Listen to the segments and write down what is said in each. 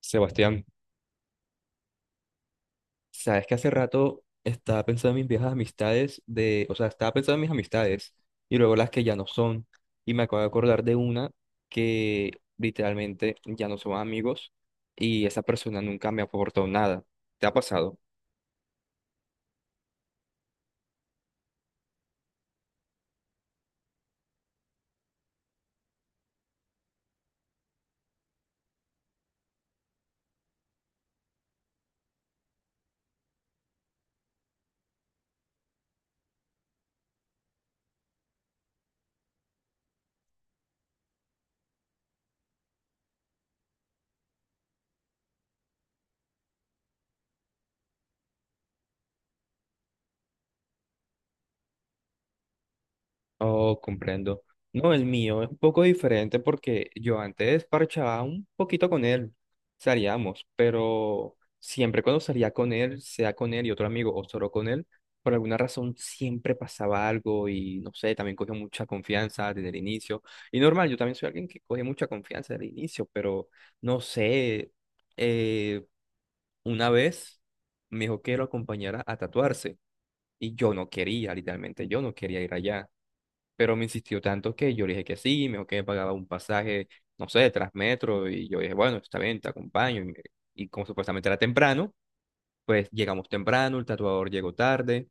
Sebastián, sabes que hace rato estaba pensando en mis viejas amistades. Estaba pensando en mis amistades y luego las que ya no son, y me acabo de acordar de una que literalmente ya no son amigos, y esa persona nunca me aportó nada. ¿Te ha pasado? Oh, comprendo. No, el mío es un poco diferente porque yo antes parchaba un poquito con él, salíamos, pero siempre cuando salía con él, sea con él y otro amigo o solo con él, por alguna razón siempre pasaba algo y no sé, también cogió mucha confianza desde el inicio. Y normal, yo también soy alguien que coge mucha confianza desde el inicio, pero no sé, eh, una vez me dijo que lo acompañara a tatuarse y yo no quería, literalmente yo no quería ir allá. Pero me insistió tanto que yo le dije que sí, me dijo que me pagaba un pasaje, no sé, de Transmetro, y yo dije, bueno, está bien, te acompaño. Y como supuestamente era temprano, pues llegamos temprano, el tatuador llegó tarde,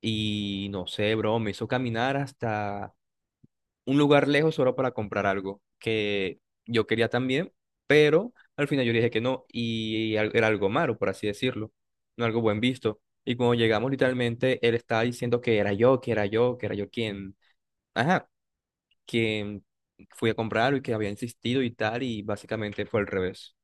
y no sé, bro, me hizo caminar hasta un lugar lejos solo para comprar algo que yo quería también, pero al final yo le dije que no, era algo malo, por así decirlo, no algo buen visto. Y cuando llegamos, literalmente, él estaba diciendo que era yo, que era yo quien... Ajá, que fui a comprarlo y que había insistido y tal, y básicamente fue al revés.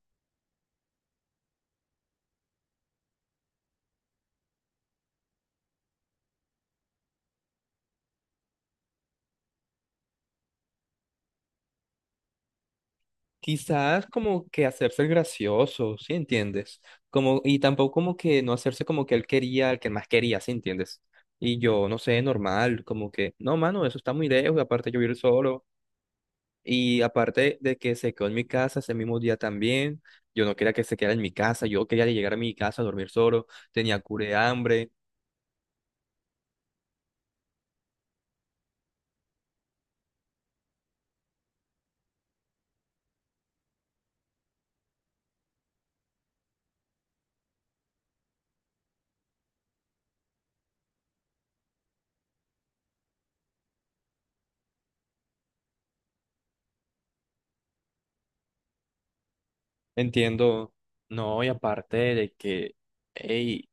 Quizás como que hacerse el gracioso, ¿sí entiendes? Como, y tampoco como que no hacerse como que él quería, el que más quería, ¿sí entiendes? Y yo, no sé, normal, como que, no, mano, eso está muy lejos, y aparte yo ir solo, y aparte de que se quedó en mi casa ese mismo día también, yo no quería que se quedara en mi casa, yo quería llegar a mi casa a dormir solo, tenía cura de hambre, entiendo, no, y aparte de que... Ey,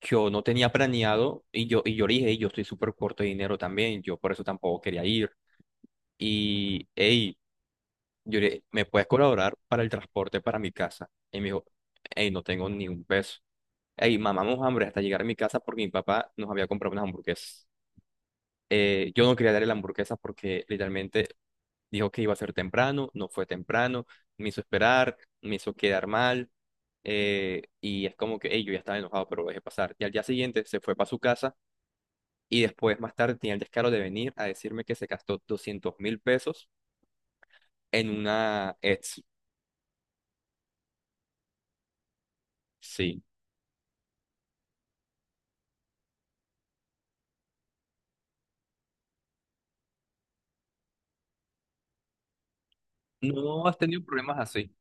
yo no tenía planeado y yo le dije, "Ey, yo estoy súper corto de dinero también, yo por eso tampoco quería ir. Y, hey, yo le dije, ¿me puedes colaborar para el transporte para mi casa?". Y me dijo, hey, no tengo ni un peso. Hey, mamamos hambre hasta llegar a mi casa porque mi papá nos había comprado unas hamburguesas. Yo no quería darle la hamburguesa porque literalmente dijo que iba a ser temprano, no fue temprano, me hizo esperar, me hizo quedar mal. Y es como que, hey, yo ya estaba enojado, pero lo dejé pasar. Y al día siguiente se fue para su casa. Y después, más tarde, tenía el descaro de venir a decirme que se gastó 200.000 pesos en una ex. Sí. ¿No has tenido problemas así?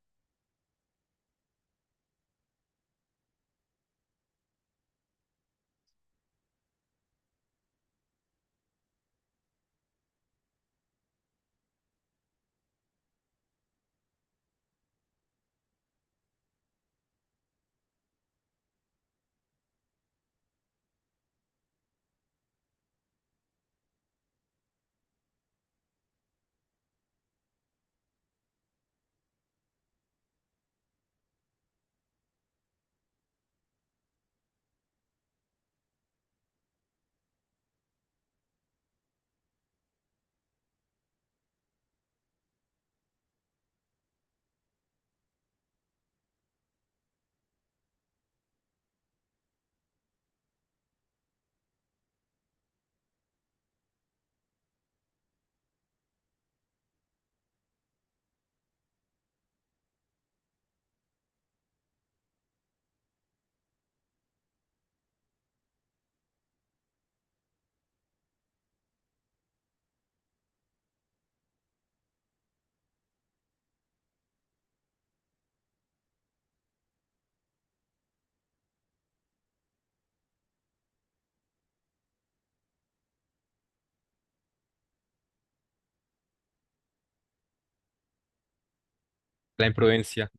La imprudencia.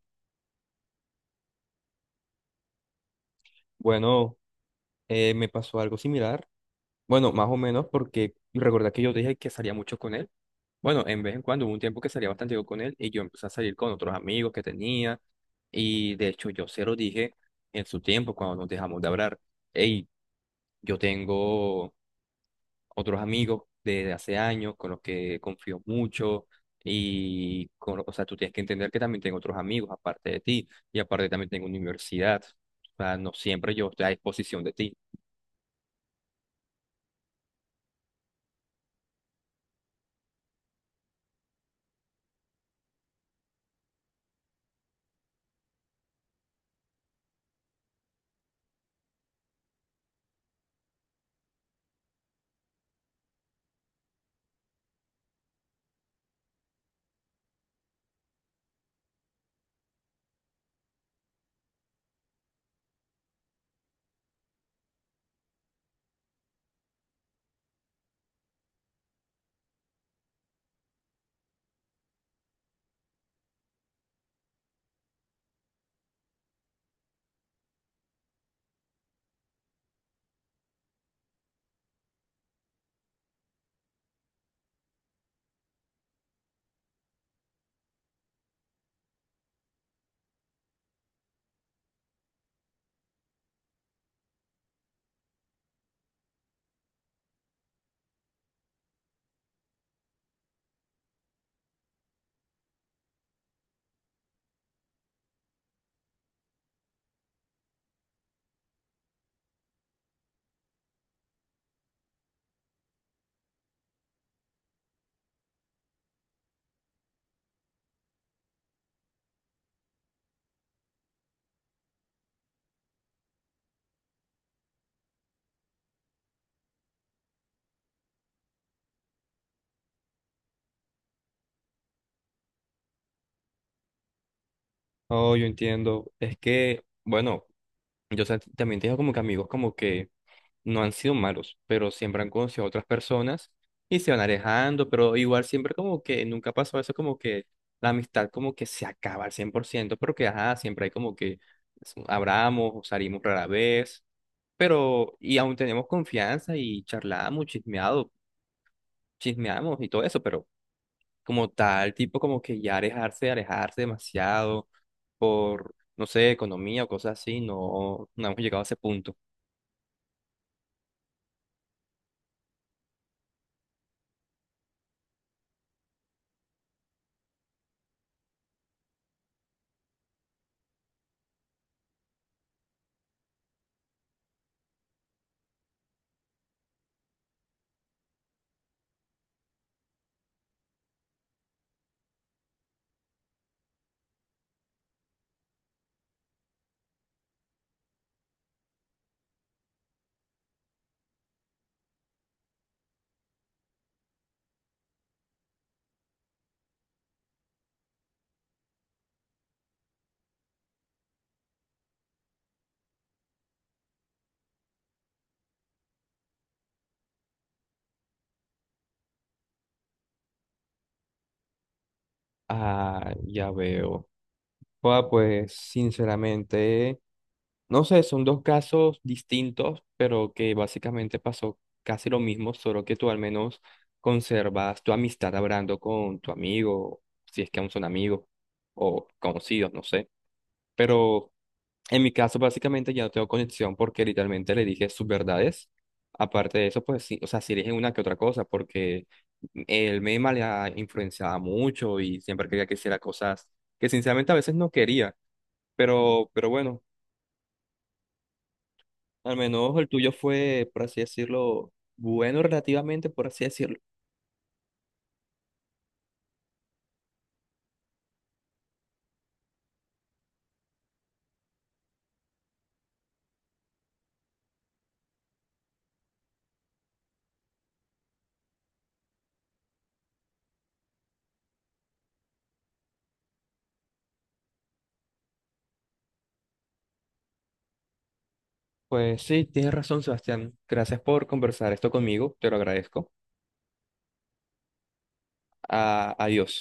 Bueno, me pasó algo similar. Bueno, más o menos porque recordá que yo dije que salía mucho con él. Bueno, en vez en cuando hubo un tiempo que salía bastante yo con él y yo empecé a salir con otros amigos que tenía. Y de hecho yo se lo dije en su tiempo cuando nos dejamos de hablar. Hey, yo tengo otros amigos de hace años con los que confío mucho y, con, o sea, tú tienes que entender que también tengo otros amigos aparte de ti y aparte también tengo universidad. O sea, no siempre yo estoy a disposición de ti. Oh, yo entiendo. Es que, bueno, también tengo como que amigos como que no han sido malos, pero siempre han conocido a otras personas y se van alejando, pero igual siempre como que nunca pasó eso, como que la amistad como que se acaba al 100%, pero que ajá, siempre hay como que abramos o salimos rara vez, pero y aún tenemos confianza y charlamos, chismeado, chismeamos y todo eso, pero como tal, tipo como que ya alejarse, demasiado por, no sé, economía o cosas así, no, no hemos llegado a ese punto. Ah, ya veo. Joda, pues sinceramente, no sé, son dos casos distintos, pero que básicamente pasó casi lo mismo, solo que tú al menos conservas tu amistad hablando con tu amigo, si es que aún son amigos o conocidos, no sé. Pero en mi caso básicamente ya no tengo conexión porque literalmente le dije sus verdades. Aparte de eso, pues sí, o sea, sí le dije una que otra cosa porque el meme le ha influenciado mucho y siempre quería que hiciera cosas que sinceramente a veces no quería. Pero bueno, al menos el tuyo fue, por así decirlo, bueno relativamente, por así decirlo. Pues sí, tienes razón, Sebastián. Gracias por conversar esto conmigo, te lo agradezco. Adiós.